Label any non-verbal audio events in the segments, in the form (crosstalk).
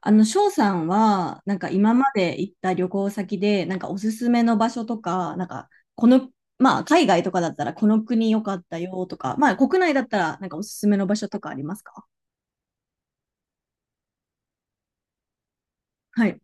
翔さんは、なんか今まで行った旅行先で、なんかおすすめの場所とか、なんか、この、まあ、海外とかだったら、この国良かったよとか、まあ、国内だったら、なんかおすすめの場所とかありますか？はい。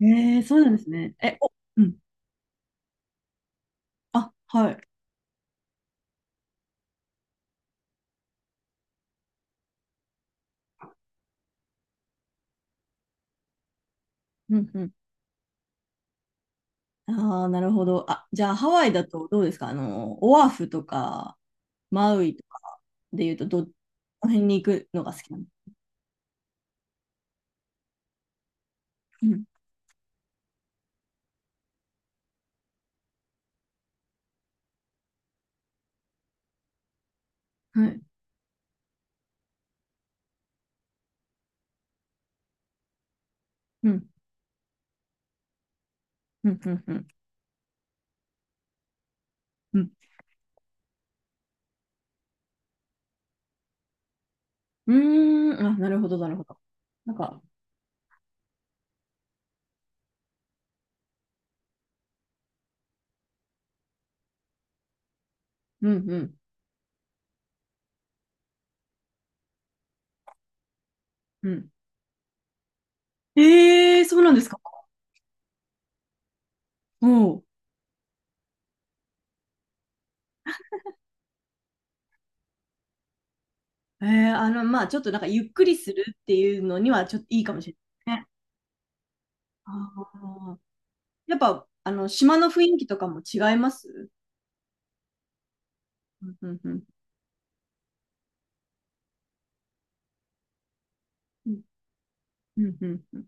ええ、そうなんですね。え、お、うん。あ、はい。うんうん。ああ、なるほど。あ、じゃあ、ハワイだとどうですか？オアフとか、マウイとかで言うと、ど、この辺に行くのが好きなの？うん、はい。うん、うん、うん、うん。うーん、あ、なるほど、なるほど。なんか、うん、うん、うん。ええー、そうなんですか？おう。えまあ、ちょっとなんか、ゆっくりするっていうのには、ちょっといいかもしれないですね。ああ。やっぱ、島の雰囲気とかも違います？うん、うん、うん。うん、うん。うんうん、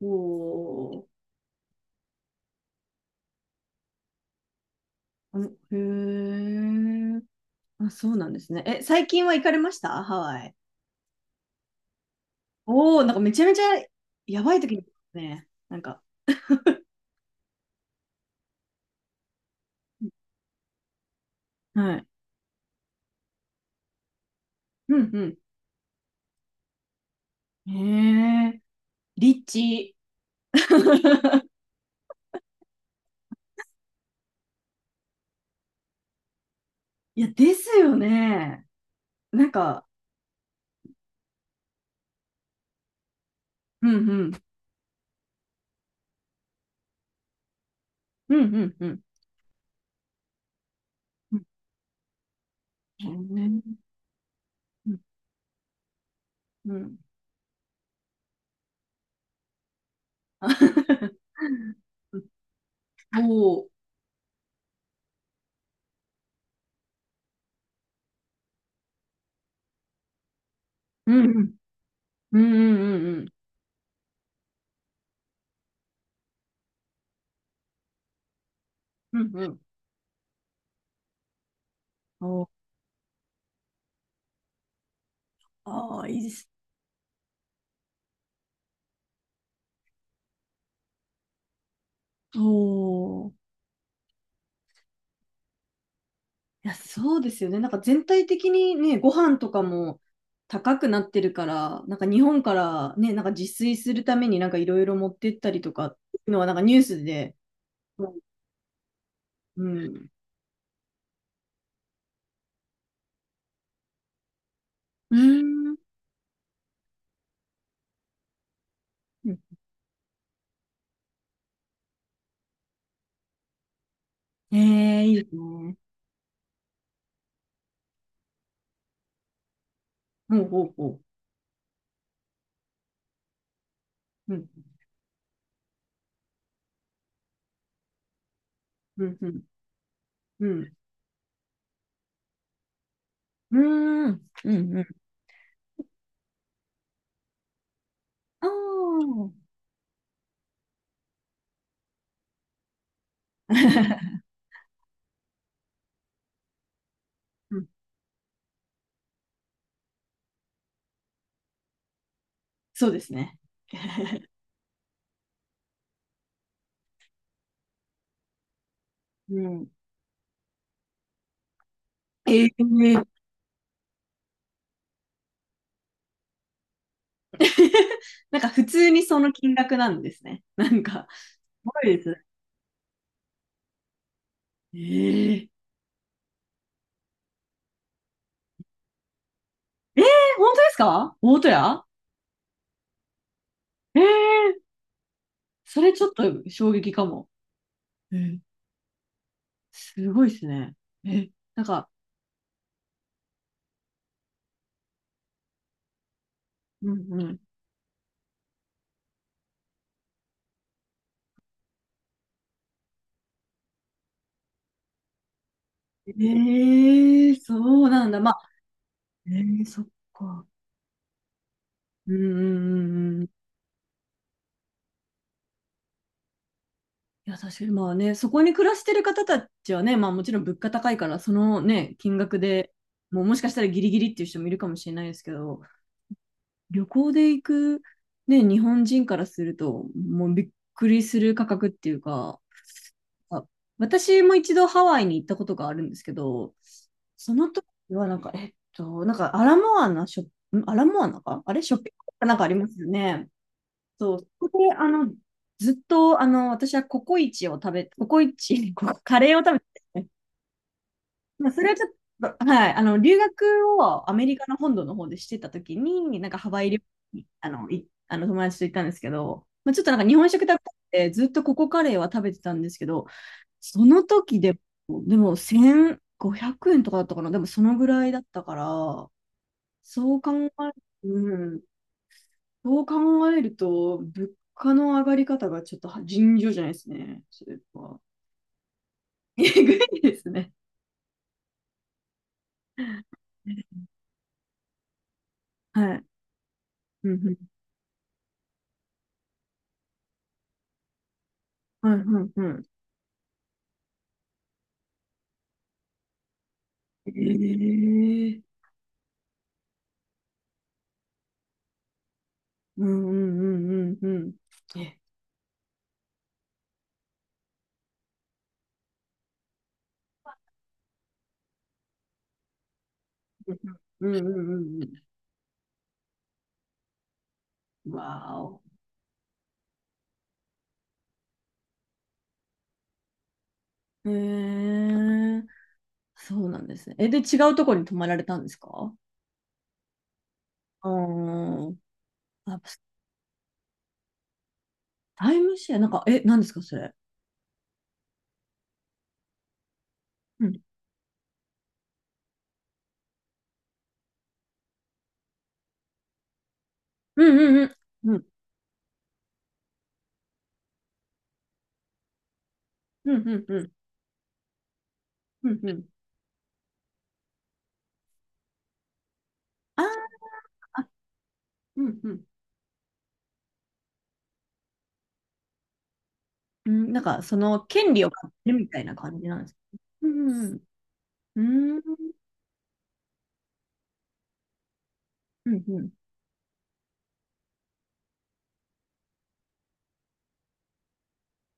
おー、う、へえ。あ、そうなんですね。え、最近は行かれました？ハワイ。おお、なんかめちゃめちゃやばい時にね。なんか、はい。うん、うん。へえ。リッチ。(laughs) いや、ですよね。なんか、うんうん。うんうんうん。うんうんうん。(laughs) おー、うんうんうんうんうんうんうんうん、おー、ああ、いいです。おー、いや、そうですよね。なんか全体的にね、ご飯とかも高くなってるから、なんか日本からね、なんか自炊するためになんかいろいろ持ってったりとかっていうのはなんかニュースで、うん、うん。うーん、うん。ええ、いいですね。ほうん、うおう。うん、うん、うん、うん。うーん、うん、うん。ああ、うん、そうですね。うん。ええ。 (laughs) なんか普通にその金額なんですね。なんか、すごいですね。ええ、本当ですか？大戸屋？ええ、それちょっと衝撃かも。ええ、すごいですね。え、なんか、うんうん。ええ、そうなんだ。まあ、ええ、そっか。ううん、うんうんうん。いや、確かに、まあね、そこに暮らしてる方たちはね、まあもちろん物価高いから、そのね、金額でもうもしかしたらギリギリっていう人もいるかもしれないですけど、旅行で行く、ね、日本人からすると、もうびっくりする価格っていうか、あ、私も一度ハワイに行ったことがあるんですけど、その時はなんか、なんかアラモアナショップ、んアラモアナかあれショッピングかなんかありますよね。そう、そこで、ずっと、私はココイチを食べ、ココイチ、こカレーを食べてて、まあ、それはちょっと、はい、留学をアメリカの本土の方でしてた時に、なんかハワイ旅行に、あの友達と行ったんですけど、まあ、ちょっとなんか日本食だったんで、ずっとココカレーは食べてたんですけど、その時でも、でも1500円とかだったかな、でもそのぐらいだったから、そう考えると、うん、そう考えると、物価の上がり方がちょっとは尋常じゃないですね。それは。(laughs) えぐいですね。はい。うんうん。はいはいはい。ええ、うんうんうんうんうん。え、うんうんうんうんうん。わお。ええ、そうなんですね。え、で、違うところに泊まられたんですか？あー、あ、タイムシェア、なんか、え、なんですか、それ。うん。うんうんうん。うんうんうんうん。うんうん。あー、あ、うんうん。うん、なんか、その権利を買ってるみたいな感じなんですか？うん、うん、うん、うんうんう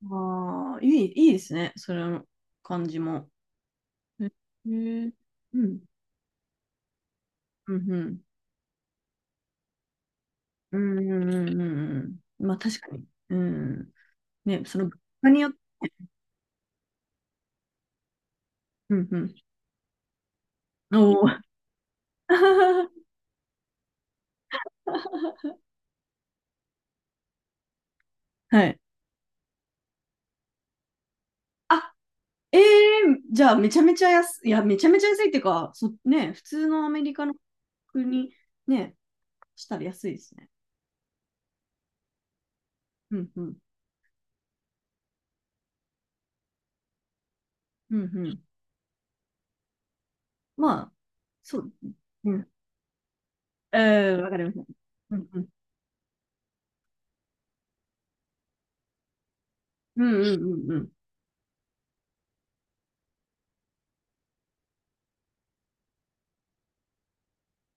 ん。ああ、いいですね。それの感じも。へえ、うん、うん、うん、うん、うん、うん。うん、まあ、確かに。うん。ね、その、物価によって、うん、うん。おお。(laughs) はい。あ、ええ、じゃあ、めちゃめちゃ安い、いや、めちゃめちゃ安いっていうか、そ、ね、普通のアメリカの国、ね、したら安いですね。うん、うん、うん、うん。まあ、そう。うん。うん、わかりました。うんうん。うんうんうんうん。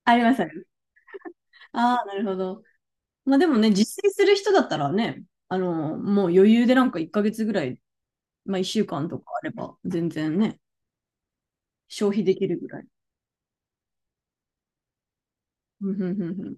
あります、あります。ああ、なるほど。まあでもね、実践する人だったらね、もう余裕でなんか1ヶ月ぐらい、まあ1週間とかあれば、全然ね、消費できるぐらい。うんうんうんうん